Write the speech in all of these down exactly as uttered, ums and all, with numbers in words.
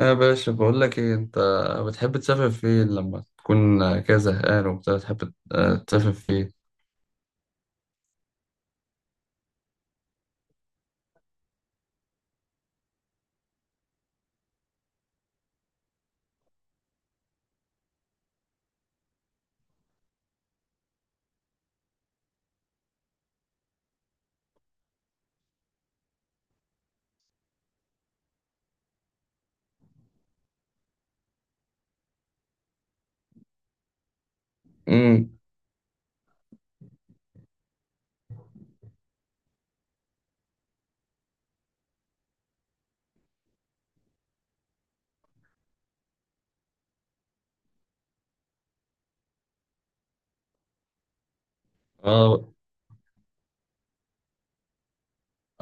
يا باشا، بقول لك ايه انت بتحب تسافر فين لما تكون كده زهقان وبتاع، بتحب آه، تسافر فين؟ امم. اه.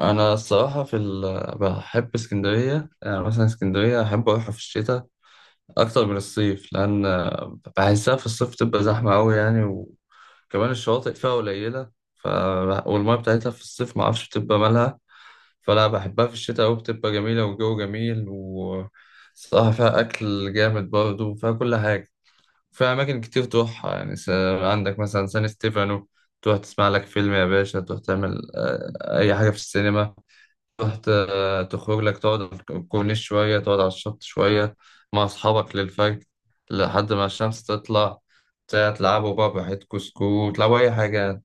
انا الصراحه، في ال... بحب اسكندريه. يعني مثلا اسكندريه احب اروحها في الشتاء اكتر من الصيف، لان آه، بحسها في الصيف تبقى زحمه قوي يعني. وكمان الشواطئ فيها قليله. ف... والميه بتاعتها في الصيف ما اعرفش بتبقى مالها. فلا، بحبها في الشتاء أوي، بتبقى جميلة والجو جميل، وصراحة فيها أكل جامد برضه وفيها كل حاجة. فيها أماكن كتير تروحها يعني. س... عندك مثلا سان ستيفانو، تروح تسمع لك فيلم يا باشا، تروح تعمل آه، أي حاجة في السينما. تروح ت- تخرج لك، تقعد على الكورنيش شوية، تقعد على الشط شوية مع أصحابك للفجر لحد ما الشمس تطلع، تلعبوا بقى براحتكوا سكوت، تلعبوا أي حاجة.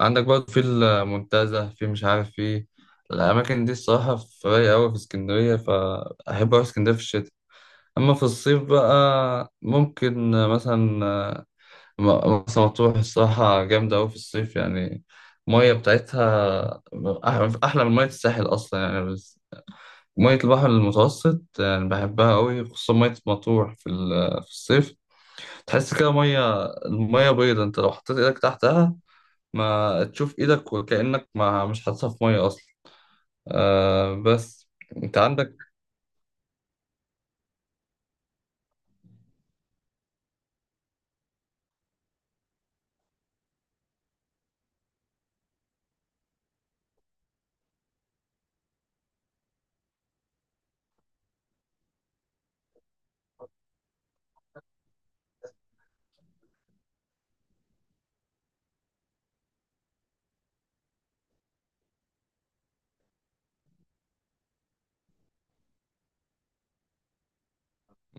عندك برضه في المنتزه، في مش عارف، في الأماكن دي الصراحة في رايقة أوي في اسكندرية، فأحب أروح اسكندرية في الشتاء. أما في الصيف بقى ممكن مثلا م- مرسى مطروح الصراحة جامدة أوي في الصيف يعني. المية بتاعتها أح- أحلى من مية الساحل أصلا يعني، بس مية البحر المتوسط يعني بحبها أوي، خصوصا مية مطروح في ال- في الصيف. تحس كده مية المية بيضة، أنت لو حطيت إيدك تحتها ما تشوف ايدك، وكأنك ما مش حاططها في ميه اصلا. آه بس، انت عندك.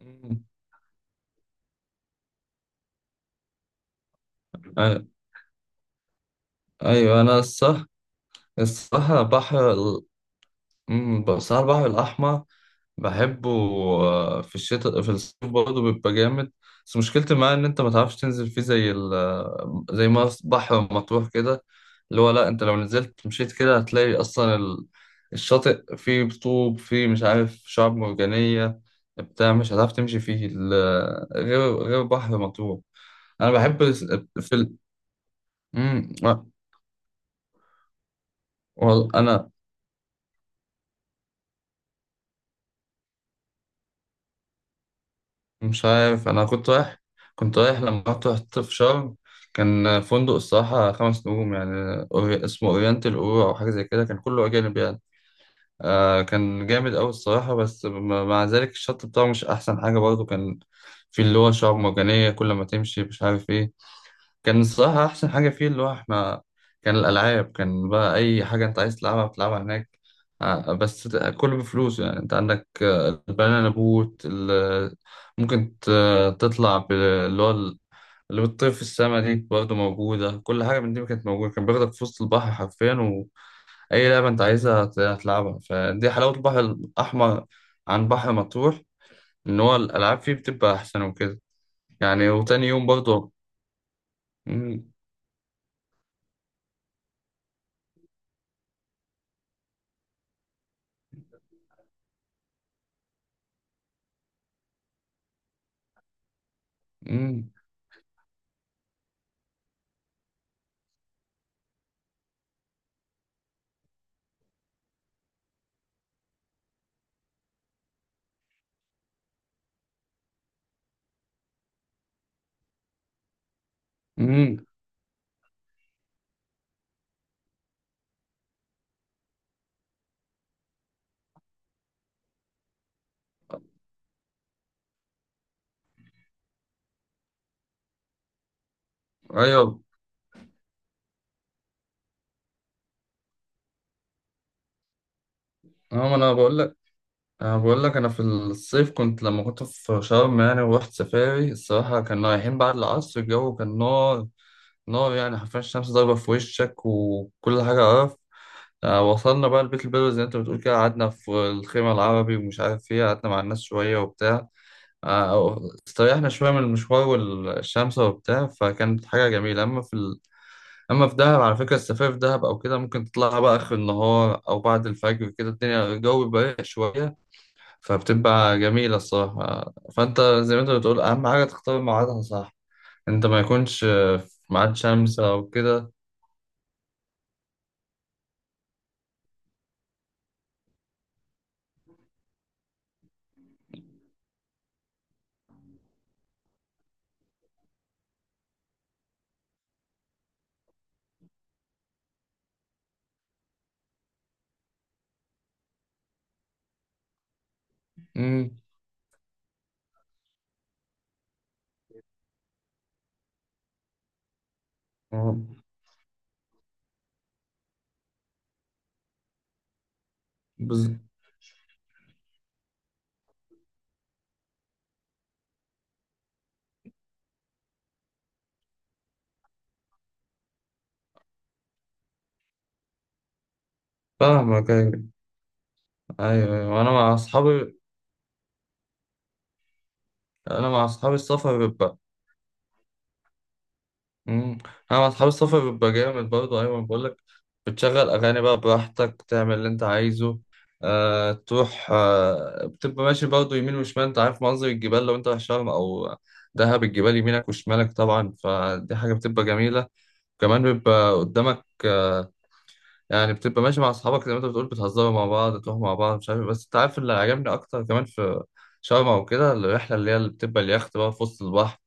مم. آه، ايوه انا الصح الصح، البحر ال- مم، الصح، البحر الاحمر، بحبه آه، في الشتاء، في الصيف برضه بيبقى جامد. بس مشكلتي معاه ان انت ما تعرفش تنزل فيه، زي ال آه، زي ما بحر مطروح كده، اللي هو لا، انت لو نزلت مشيت كده هتلاقي اصلا ال- الشاطئ فيه طوب، فيه مش عارف شعاب مرجانية بتاع مش هتعرف تمشي فيه ال- غير غير بحر مطروح. انا بحب الس- في ال... مم، آه، والله انا مش عارف. انا كنت رايح كنت رايح لما رحت رحت في شرم، كان فندق الصراحة خمس نجوم يعني، أوري- اسمه اورينتال اورو او حاجة زي كده، كان كله اجانب يعني. آه كان جامد اوي الصراحة، بس م- مع ذلك الشط بتاعه مش احسن حاجة برضه، كان في اللي هو شعاب مرجانية كل ما تمشي مش عارف إيه. كان الصراحة أحسن حاجة فيه اللي هو إحنا، كان الألعاب، كان بقى أي حاجة أنت عايز تلعبها بتلعبها هناك. آه، بس ت- كله بفلوس يعني، أنت عندك آه، البنانا بوت ال- ممكن ت- تطلع بال- اللي هو ال- اللي بتطير في السما دي برضه موجودة، كل حاجة من دي كانت موجودة، كان بياخدك في وسط البحر حرفيا، وأي لعبة أنت عايزها هت- هتلعبها. فدي حلاوة البحر الأحمر عن بحر مطروح، إن هو الألعاب فيه بتبقى أحسن وكده، يعني. وتاني يوم برضه. مم. مم. مم. ايوه. اه ما انا بقول لك، انا بقول لك انا في الصيف كنت لما كنت في شرم يعني، ورحت سفاري الصراحه، كنا رايحين بعد العصر الجو كان نار. نار، يعني حرفيا الشمس ضاربه في وشك وكل حاجه قرف. آه، وصلنا بقى البيت البدوي زي ما انت بتقول كده، قعدنا في الخيمه العربي ومش عارف ايه، قعدنا مع الناس شويه وبتاع، آه، استريحنا شويه من المشوار والشمس وبتاع، فكانت حاجه جميله. اما في اما في دهب على فكره، السفاري في دهب او كده ممكن تطلعها بقى اخر النهار او بعد الفجر كده، الدنيا الجو بيبقى رايق شويه، فبتبقى جميله الصراحه. فانت زي ما انت بتقول اهم حاجه تختار ميعادها، صح، انت ما يكونش في ميعاد شمس او كده. امم بز- فاهمك، ايوه. ايوه، انا مع اصحابي انا مع اصحابي السفر بيبقى. امم انا مع اصحاب السفر بيبقى جامد برضه، ايوه بقول لك، بتشغل اغاني بقى براحتك، تعمل اللي انت عايزه. آه تروح، آه بتبقى ماشي برضه يمين وشمال، انت عارف منظر الجبال لو انت رايح شرم او دهب، الجبال يمينك وشمالك طبعا، فدي حاجه بتبقى جميله. كمان بيبقى قدامك آه، يعني بتبقى ماشي مع اصحابك زي ما انت بتقول، بتهزروا مع بعض تروحوا مع بعض مش عارف إيه. بس انت عارف، اللي عجبني اكتر كمان في شرم او كده الرحله اللي هي اللي بتبقى اليخت بقى في وسط البحر،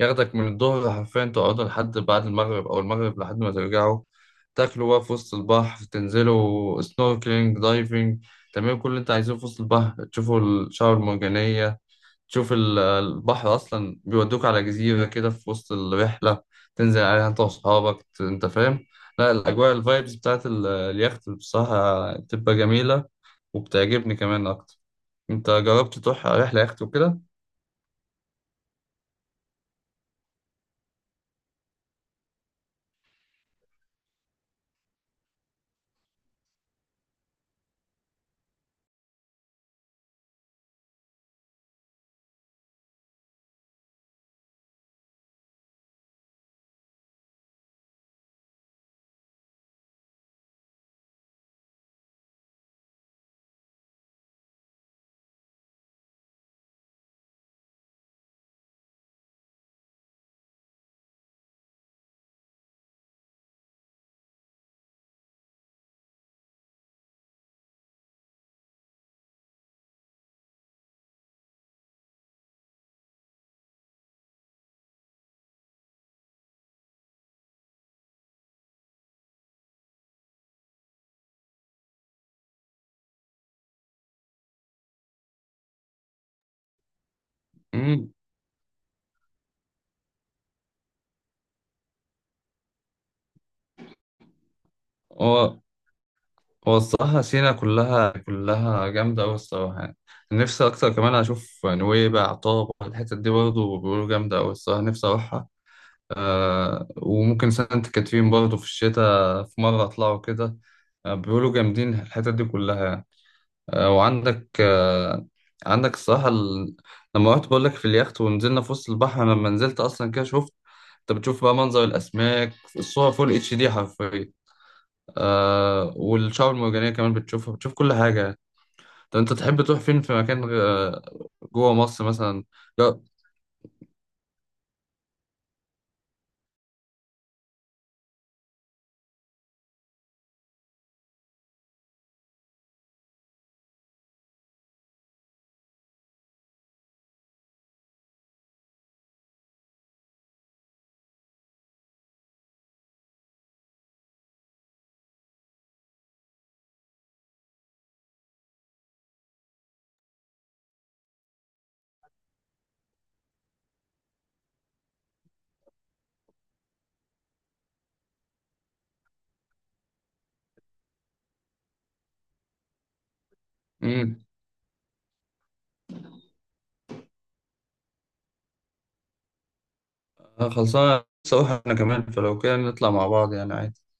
ياخدك من الظهر حرفيا، تقعدوا لحد بعد المغرب او المغرب لحد ما ترجعوا، تاكلوا بقى في وسط البحر، تنزلوا سنوركلينج دايفنج، تعملوا كل اللي انت عايزه في وسط البحر، تشوفوا الشعاب المرجانيه، تشوف ال- البحر أصلا بيودوك على جزيرة كده في وسط الرحلة، تنزل عليها أنت وأصحابك، ت- أنت فاهم. لا، الأجواء الفايبز بتاعت ال- اليخت بصراحة بتبقى جميلة، وبتعجبني كمان أكتر. أنت جربت تروح رحلة يخت وكده؟ مم. هو هو الصراحة سينا كلها كلها جامدة أوي الصراحة يعني. نفسي أكتر كمان أشوف نويبع، طابة، الحتت دي برضه بيقولوا جامدة أوي الصراحة، نفسي أروحها. آه وممكن سانت كاترين برضه في الشتاء في مرة أطلعوا كده. آه بيقولوا جامدين الحتت دي كلها يعني. آه وعندك، آه عندك الصراحة ال... لما رحت بقول لك في اليخت ونزلنا في وسط البحر، أنا لما نزلت أصلا كده شفت، أنت بتشوف بقى منظر الأسماك، الصور فول اتش دي حرفيا. آه والشعاب المرجانية كمان بتشوفها، بتشوف كل حاجة يعني. طب أنت تحب تروح فين في مكان آه، جوه مصر مثلا؟ لا. مم. آه، خلصانة لسه أروح أنا كمان، فلو كده نطلع مع بعض يعني، عادي.